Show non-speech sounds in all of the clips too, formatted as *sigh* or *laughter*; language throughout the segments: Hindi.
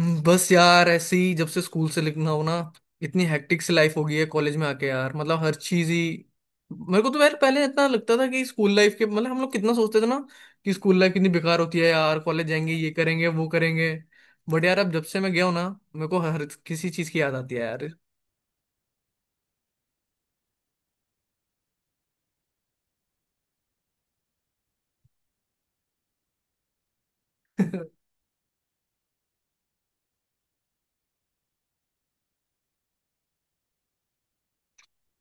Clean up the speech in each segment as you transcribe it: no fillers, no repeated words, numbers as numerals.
बस यार ऐसे ही जब से स्कूल से लिखना हो ना। इतनी हेक्टिक सी लाइफ हो गई है कॉलेज में आके यार, मतलब हर चीज ही। मेरे को तो यार पहले इतना लगता था कि स्कूल लाइफ के, मतलब हम लोग कितना सोचते थे ना कि स्कूल लाइफ कितनी बेकार होती है यार, कॉलेज जाएंगे ये करेंगे वो करेंगे। बट यार अब जब से मैं गया हूं ना, मेरे को हर किसी चीज की याद आती है यार। *laughs*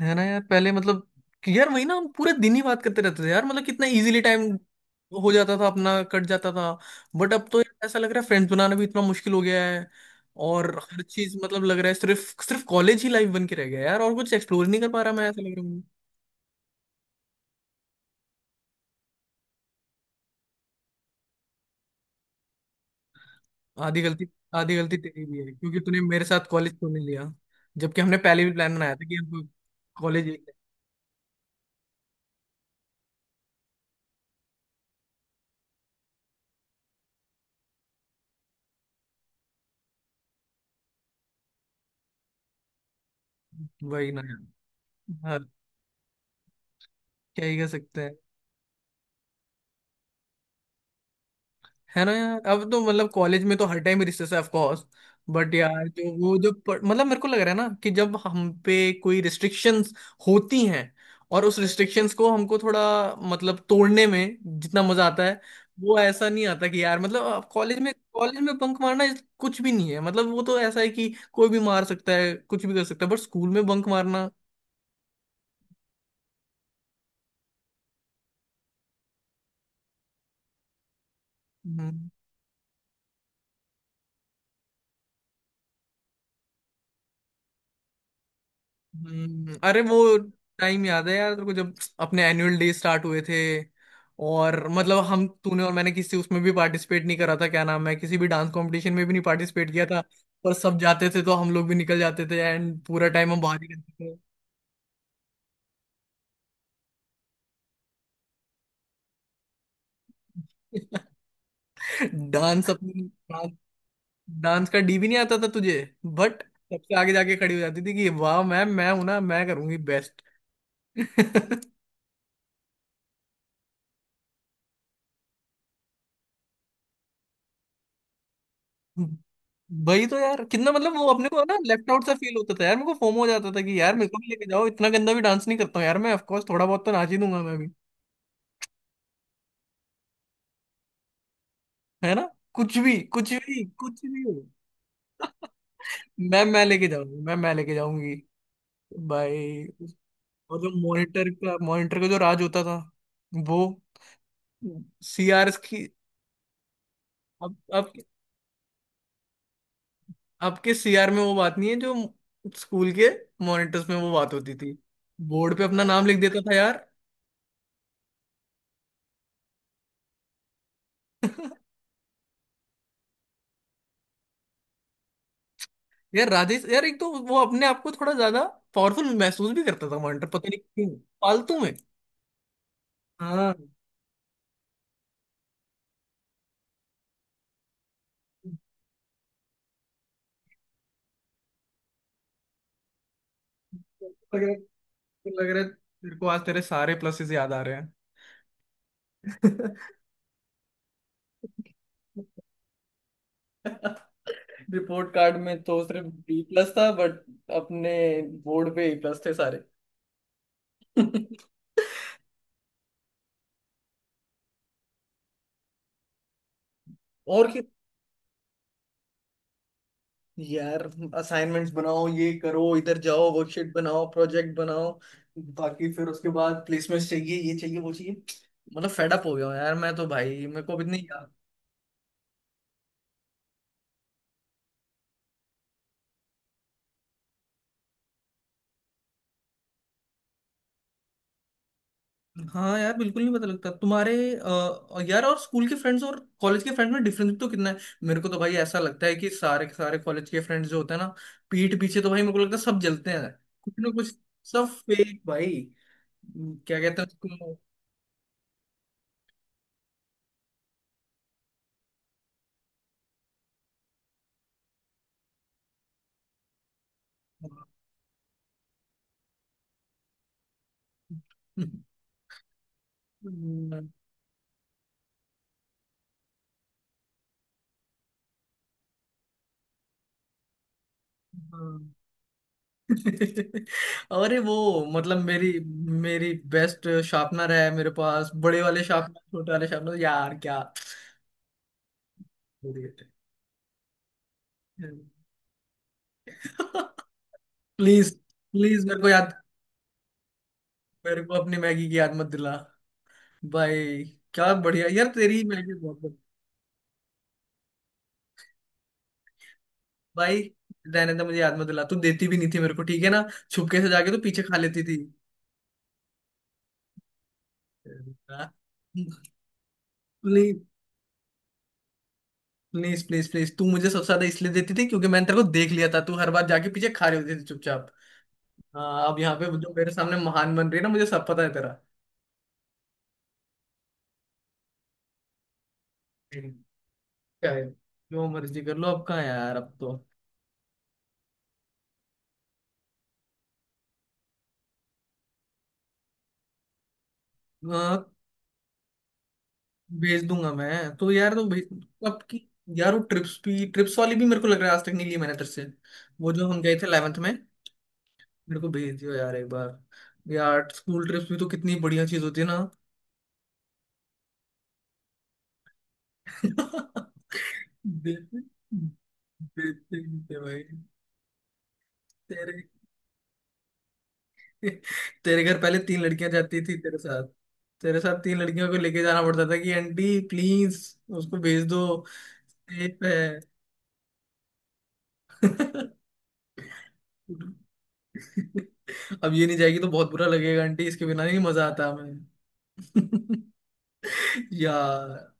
है ना यार, पहले मतलब कि यार वही ना, हम पूरे दिन ही बात करते रहते थे यार, मतलब कितना इजीली टाइम हो जाता था, अपना कट जाता था। बट अब तो यार ऐसा लग रहा है फ्रेंड्स बनाना भी इतना मुश्किल हो गया है। और हर चीज मतलब लग रहा है सिर्फ सिर्फ कॉलेज ही लाइफ बन के रह गया है यार, और कुछ एक्सप्लोर नहीं कर पा रहा, मैं ऐसा लग रहा हूँ। आधी गलती आधी गलती तेरी भी है क्योंकि तूने मेरे साथ कॉलेज क्यों नहीं लिया। जबकि हमने पहले भी प्लान बनाया था कि हम कॉलेज। वही ना यार। हाँ, क्या ही कर सकते हैं। है ना यार, अब तो मतलब कॉलेज में तो हर टाइम रिसेस है ऑफ कोर्स। बट यार जो वो जो प- मतलब मेरे को लग रहा है ना कि जब हम पे कोई रिस्ट्रिक्शंस होती हैं और उस रिस्ट्रिक्शंस को हमको थोड़ा, मतलब तोड़ने में जितना मजा आता है वो ऐसा नहीं आता कि यार मतलब कॉलेज में बंक मारना कुछ भी नहीं है। मतलब वो तो ऐसा है कि कोई भी मार सकता है, कुछ भी कर सकता है। बट स्कूल में बंक मारना। हम्म। अरे वो टाइम याद है यार तेरे को, जब अपने एनुअल डे स्टार्ट हुए थे और मतलब हम, तूने और मैंने किसी उसमें भी पार्टिसिपेट नहीं करा था, क्या नाम है, किसी भी डांस कंपटीशन में भी नहीं पार्टिसिपेट किया था। पर सब जाते थे तो हम लोग भी निकल जाते थे, एंड पूरा टाइम हम बाहर ही रहते थे। *laughs* डांस अपनी डांस डांस का डी भी नहीं आता था तुझे। बट सबसे आगे जाके खड़ी हो जाती थी कि, वाह मैम मैं हूं ना, मैं करूंगी बेस्ट। *laughs* भाई तो यार कितना, मतलब वो अपने को ना लेफ्ट आउट सा फील होता था यार, मेरे को फोमो हो जाता था कि यार मेरे को भी लेके जाओ, इतना गंदा भी डांस नहीं करता हूँ यार मैं, ऑफ कोर्स थोड़ा बहुत तो नाच ही दूंगा मैं भी। है ना, कुछ भी कुछ भी कुछ भी हो। *laughs* मैं लेके जाऊंगी, मैं लेके जाऊंगी भाई। और जो मॉनिटर का जो राज होता था वो, सीआर की। अब आपके सीआर में वो बात नहीं है जो स्कूल के मॉनिटर्स में वो बात होती थी। बोर्ड पे अपना नाम लिख देता था यार। *laughs* यार राजेश यार, एक तो वो अपने आप को थोड़ा ज्यादा पावरफुल महसूस भी करता था, कमांडर, पता नहीं क्यों, फालतू में। हाँ। *laughs* लग रहा लग रहा है तेरे को आज तेरे सारे प्लसेस याद आ रहे हैं। *laughs* रिपोर्ट कार्ड में तो सिर्फ बी प्लस था, बट अपने बोर्ड पे ए प्लस थे सारे। *laughs* और यार, असाइनमेंट्स बनाओ, ये करो, इधर जाओ, वर्कशीट बनाओ, प्रोजेक्ट बनाओ। बाकी फिर उसके बाद प्लेसमेंट चाहिए, ये चाहिए, वो चाहिए। मतलब फेडअप हो गया हूँ यार मैं तो भाई, मेरे को अब इतनी यार। हाँ यार, बिल्कुल नहीं पता लगता तुम्हारे, यार और स्कूल के फ्रेंड्स और कॉलेज के फ्रेंड्स में डिफरेंस तो कितना है। मेरे को तो भाई ऐसा लगता है कि सारे के सारे कॉलेज के फ्रेंड्स जो होते हैं ना, पीठ पीछे तो भाई मेरे को लगता है सब जलते हैं कुछ ना कुछ। सब फेक भाई, क्या कहते हैं उसको। *laughs* हाँ। *laughs* अरे वो, मतलब मेरी मेरी बेस्ट शार्पनर है मेरे पास, बड़े वाले शार्पनर, छोटे वाले शार्पनर, यार क्या idiot है। *laughs* प्लीज, प्लीज मेरे को अपनी मैगी की याद मत दिला भाई। क्या बढ़िया यार तेरी मैगी बहुत बढ़िया। भाई रहने, तो मुझे याद मत दिला, तू देती भी नहीं थी मेरे को, ठीक है ना। छुपके से जाके तो पीछे खा लेती थी। प्लीज, प्लीज, प्लीज, प्लीज तू मुझे सबसे ज्यादा इसलिए देती थी क्योंकि मैंने तेरे को देख लिया था, तू हर बार जाके पीछे खा रही होती थी चुपचाप। हाँ, अब यहाँ पे जो मेरे सामने महान बन रही है ना, मुझे सब पता है तेरा। हम्म। क्या है, जो मर्जी कर लो, अब कहाँ यार, अब तो। अ, भेज दूंगा मैं तो यार, तो भेज अब की। यार वो ट्रिप्स वाली भी मेरे को लग रहा है आज तक नहीं ली मैंने तेरे से। वो जो हम गए थे 11th में, मेरे को भेज दियो यार एक बार, यार स्कूल ट्रिप्स भी तो कितनी बढ़िया चीज होती है ना। *laughs* देते देते ही थे भाई, तेरे। *laughs* तेरे घर पहले तीन लड़कियां जाती थी तेरे साथ। तेरे साथ तीन लड़कियों को लेके जाना पड़ता था कि, आंटी प्लीज उसको भेज दो, सेफ है। *laughs* अब ये नहीं जाएगी तो बहुत बुरा लगेगा आंटी, इसके बिना नहीं मजा आता हमें। *laughs* यार,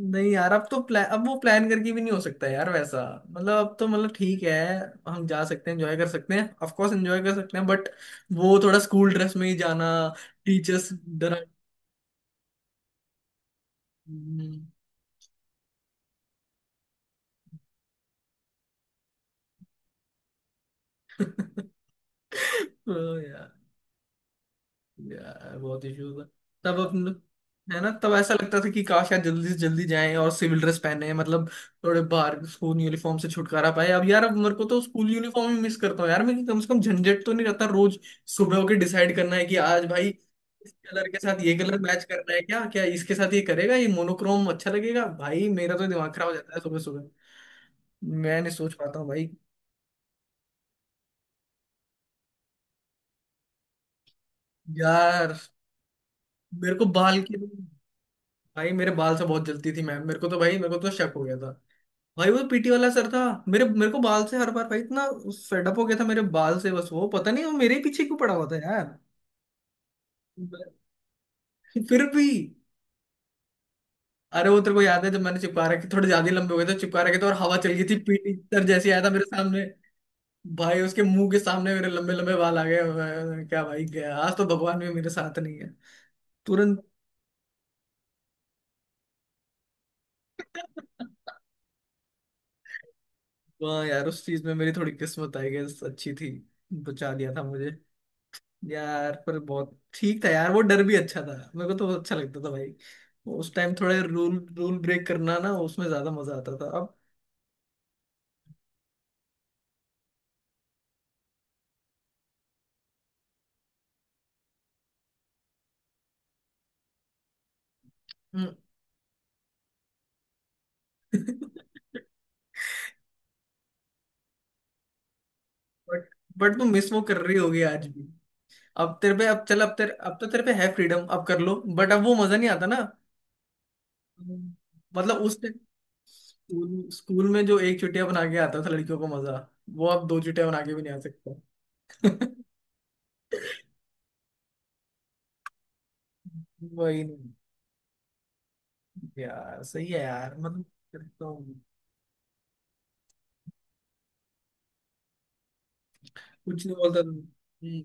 नहीं यार, अब वो प्लान करके भी नहीं हो सकता यार वैसा। मतलब अब तो, मतलब ठीक है, हम जा सकते हैं एंजॉय कर सकते हैं ऑफ कोर्स, एंजॉय कर सकते हैं, बट वो थोड़ा स्कूल ड्रेस में ही जाना, टीचर्स डरा। *laughs* ओ यार, यार बहुत इश्यूज है। तब अपन, है ना तब ऐसा लगता था कि काश यार जल्दी से जल्दी जाएं और सिविल ड्रेस पहने। मतलब थोड़े बाहर स्कूल यूनिफॉर्म से छुटकारा पाए। अब यार, अब मेरे को तो स्कूल यूनिफॉर्म ही मिस करता हूँ यार मैं, कि कम से कम झंझट तो नहीं रहता रोज सुबह होके डिसाइड करना है कि आज भाई इस कलर के साथ ये कलर मैच करना है, क्या क्या इसके साथ ये करेगा, ये मोनोक्रोम अच्छा लगेगा, भाई मेरा तो दिमाग खराब हो जाता है सुबह सुबह। मैं नहीं सोच पाता हूँ भाई। यार मेरे को बाल के भाई मेरे बाल से बहुत जलती थी मैम। मेरे को तो शक हो गया था भाई, वो पीटी वाला सर था। मेरे मेरे को बाल से हर बार भाई, इतना फेडअप हो गया था मेरे बाल से, बस वो पता नहीं वो मेरे ही पीछे क्यों पड़ा हुआ था यार। *laughs* फिर भी, अरे वो तेरे को याद है जब मैंने चिपका रखे थोड़े ज्यादा ही लंबे हो गए थे, चिपका रखे थे और हवा चल गई थी, पीटी सर जैसे आया था मेरे सामने। भाई उसके मुंह के सामने मेरे लंबे लंबे बाल आ गए, क्या भाई गया आज तो, भगवान भी मेरे साथ नहीं है। तुरंत। *laughs* वाह यार, उस चीज में मेरी थोड़ी किस्मत, आई गेस, अच्छी थी, बचा लिया था मुझे। यार पर बहुत ठीक था यार, वो डर भी अच्छा था, मेरे को तो बहुत अच्छा लगता था भाई। उस टाइम थोड़े रूल रूल ब्रेक करना ना, उसमें ज्यादा मजा आता था अब। बट बट *laughs* तुम मिस वो कर रही होगी आज भी। अब तो तेरे पे है फ्रीडम, अब कर लो, बट अब वो मजा नहीं आता ना। हम्म। मतलब उस टाइम स्कूल स्कूल में जो एक चुटिया बना के आता था लड़कियों को मजा, वो अब दो चुटिया बना के भी नहीं आ सकता। *laughs* वही नहीं यार, सही है यार, मतलब कुछ नहीं बोलता था।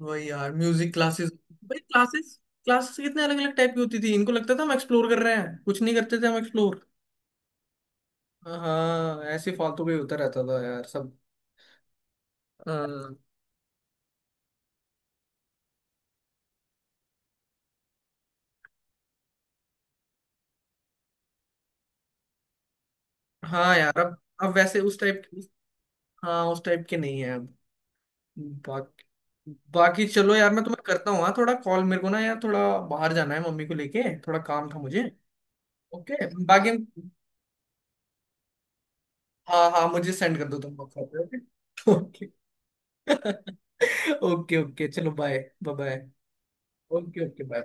वही यार म्यूजिक क्लासेस। भाई क्लासेस क्लासेस कितने अलग अलग टाइप की होती थी, इनको लगता था हम एक्सप्लोर कर रहे हैं, कुछ नहीं करते थे हम एक्सप्लोर। हाँ, ऐसे फालतू का ही होता रहता था यार सब। हाँ, हाँ यार, अब वैसे उस टाइप के, हाँ उस टाइप के नहीं है अब। बाकी, बाकी चलो यार मैं तुम्हें करता हूँ हाँ थोड़ा कॉल, मेरे को ना यार थोड़ा बाहर जाना है, मम्मी को लेके थोड़ा काम था मुझे। ओके, बाकी हाँ, हाँ मुझे सेंड कर दो तुम, ओके। *laughs* ओके। *laughs* ओके, ओके चलो bye, bye, bye. Okay, okay, bye.